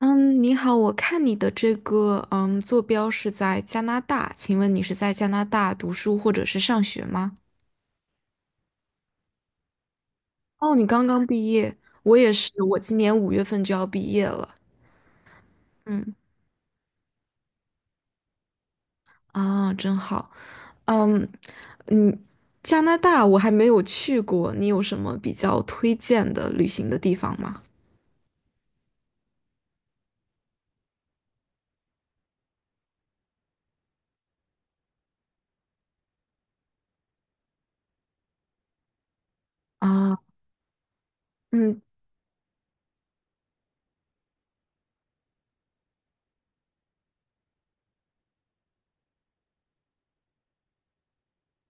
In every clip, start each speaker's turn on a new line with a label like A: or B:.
A: 嗯，你好，我看你的这个坐标是在加拿大，请问你是在加拿大读书或者是上学吗？哦，你刚刚毕业，我也是，我今年5月份就要毕业了。嗯，啊，真好。嗯嗯，加拿大我还没有去过，你有什么比较推荐的旅行的地方吗？啊，嗯，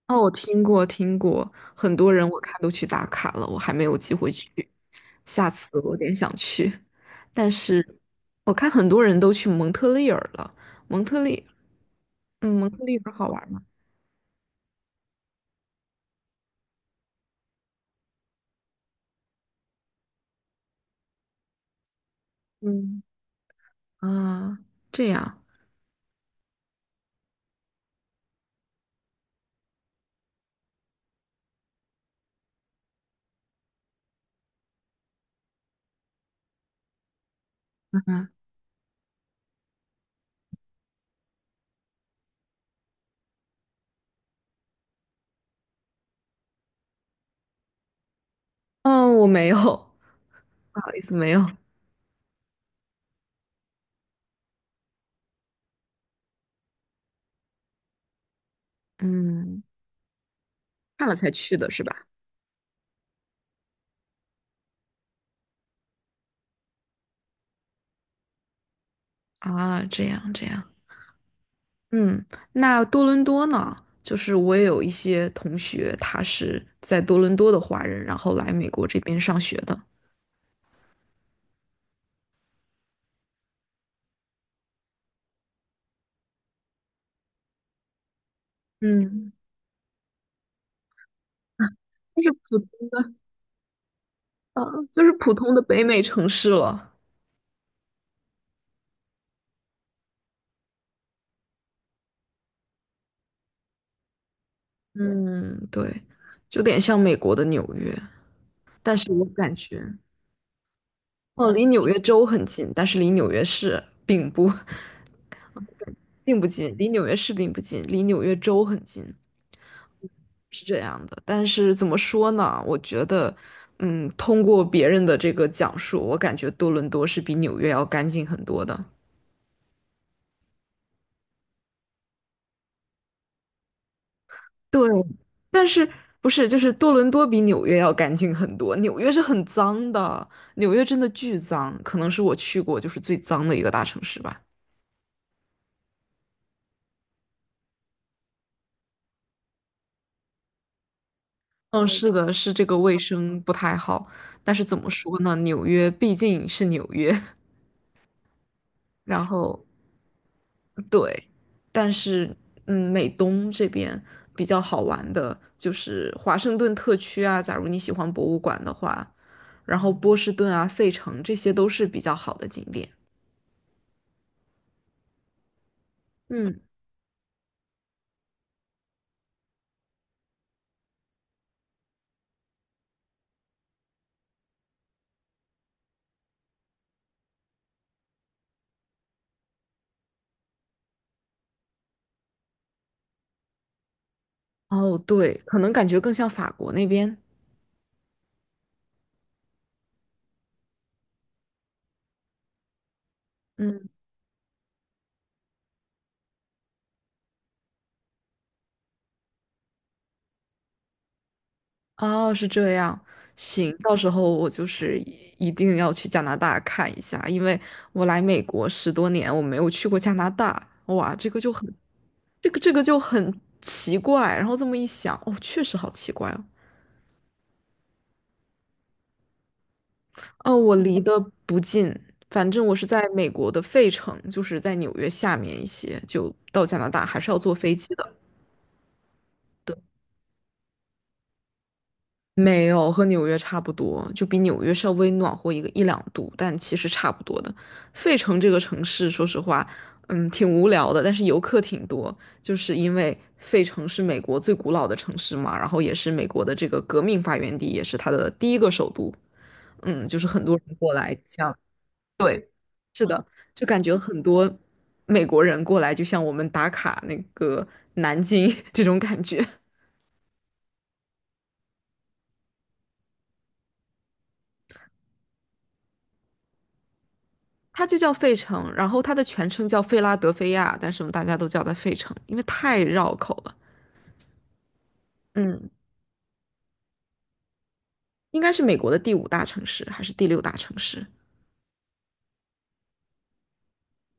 A: 哦，我听过听过，很多人我看都去打卡了，我还没有机会去，下次我有点想去，但是我看很多人都去蒙特利尔了，蒙特利，蒙特利尔好玩吗？嗯啊，这样，嗯，哦，我没有，不好意思，没有，嗯，看了才去的是吧？啊，这样这样，嗯，那多伦多呢？就是我也有一些同学，他是在多伦多的华人，然后来美国这边上学的。嗯就是普啊，就是普通的北美城市了。嗯，对，就有点像美国的纽约，但是我感觉，哦，离纽约州很近，但是离纽约市并不 并不近，离纽约市并不近，离纽约州很近。是这样的，但是怎么说呢？我觉得，通过别人的这个讲述，我感觉多伦多是比纽约要干净很多的。对，但是不是就是多伦多比纽约要干净很多？纽约是很脏的，纽约真的巨脏，可能是我去过就是最脏的一个大城市吧。嗯，是的，是这个卫生不太好，但是怎么说呢？纽约毕竟是纽约，然后。对，但是美东这边比较好玩的就是华盛顿特区啊，假如你喜欢博物馆的话，然后波士顿啊、费城这些都是比较好的景点。嗯，哦，对，可能感觉更像法国那边。嗯。哦，是这样，行，到时候我就是一定要去加拿大看一下，因为我来美国10多年，我没有去过加拿大，哇，这个就很，这个就很奇怪，然后这么一想，哦，确实好奇怪哦，哦，我离得不近，反正我是在美国的费城，就是在纽约下面一些，就到加拿大还是要坐飞机的。没有，和纽约差不多，就比纽约稍微暖和一两度，但其实差不多的。费城这个城市，说实话，挺无聊的，但是游客挺多，就是因为费城是美国最古老的城市嘛，然后也是美国的这个革命发源地，也是它的第一个首都。嗯，就是很多人过来，就感觉很多美国人过来，就像我们打卡那个南京 这种感觉。它就叫费城，然后它的全称叫费拉德菲亚，但是我们大家都叫它费城，因为太绕口了。嗯，应该是美国的第五大城市还是第六大城市？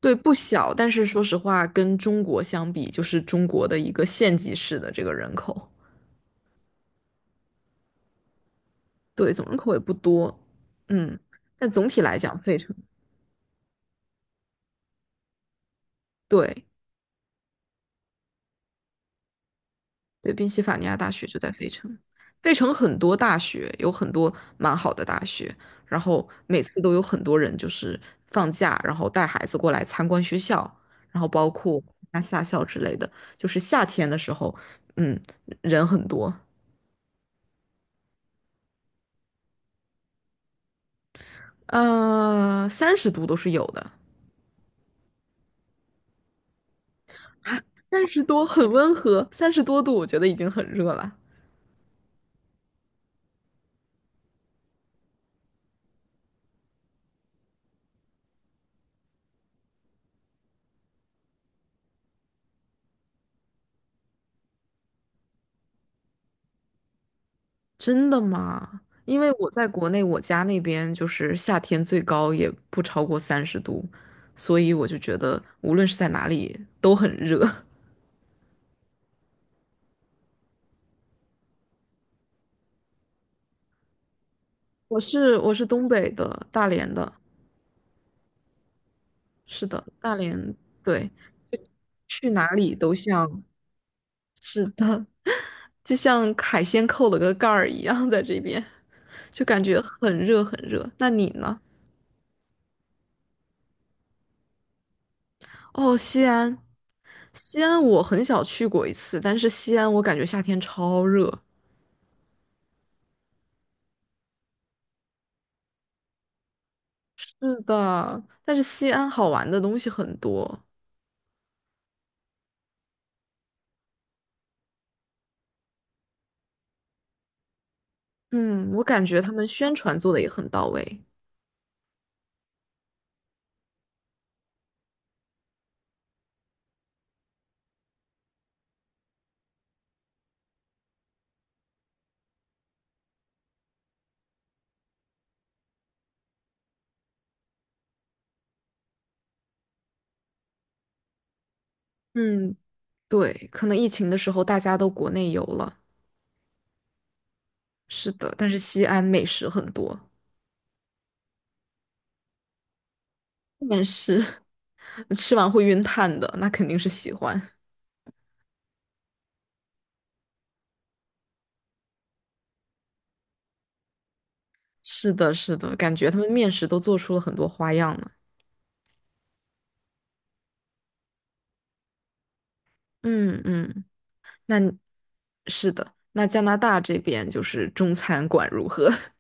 A: 对，不小，但是说实话，跟中国相比，就是中国的一个县级市的这个人口，对，总人口也不多。嗯，但总体来讲，费城，对，对，宾夕法尼亚大学就在费城。费城很多大学，有很多蛮好的大学，然后每次都有很多人就是放假，然后带孩子过来参观学校，然后包括夏校之类的，就是夏天的时候，嗯，人很多，三十度都是有的，三十多很温和，30多度我觉得已经很热了。真的吗？因为我在国内，我家那边就是夏天最高也不超过三十度，所以我就觉得无论是在哪里都很热。我是东北的，大连的，是的，大连，对，去哪里都像，是的，就像海鲜扣了个盖儿一样，在这边就感觉很热很热。那你呢？哦，西安，西安我很小去过一次，但是西安我感觉夏天超热。是的，但是西安好玩的东西很多。嗯，我感觉他们宣传做的也很到位。嗯，对，可能疫情的时候大家都国内游了，是的，但是西安美食很多，但食 吃完会晕碳的，那肯定是喜欢。是的，是的，感觉他们面食都做出了很多花样呢。嗯嗯，那你是的，那加拿大这边就是中餐馆如何？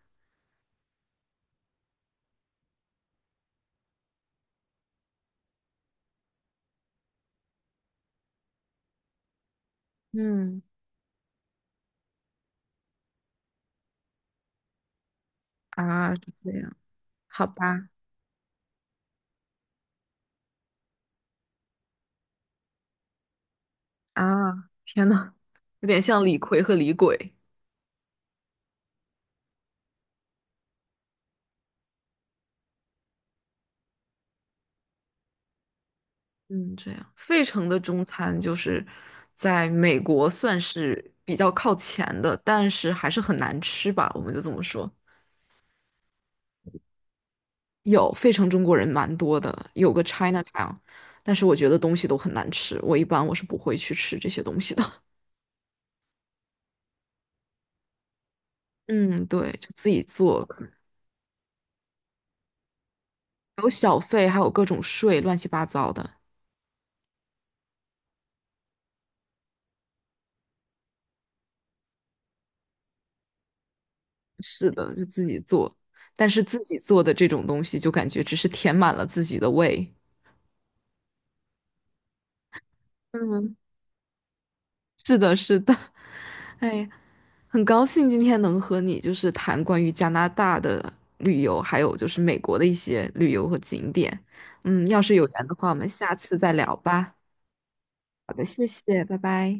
A: 嗯，啊，是这样，好吧。啊，天呐，有点像李逵和李鬼。嗯，这样，费城的中餐就是在美国算是比较靠前的，但是还是很难吃吧，我们就这么说。有费城中国人蛮多的，有个 Chinatown，但是我觉得东西都很难吃，我一般我是不会去吃这些东西的。嗯，对，就自己做，可能还有小费，还有各种税，乱七八糟的。是的，就自己做，但是自己做的这种东西就感觉只是填满了自己的胃。嗯，是的，是的，哎呀，很高兴今天能和你就是谈关于加拿大的旅游，还有就是美国的一些旅游和景点。要是有缘的话，我们下次再聊吧。好的，谢谢，拜拜。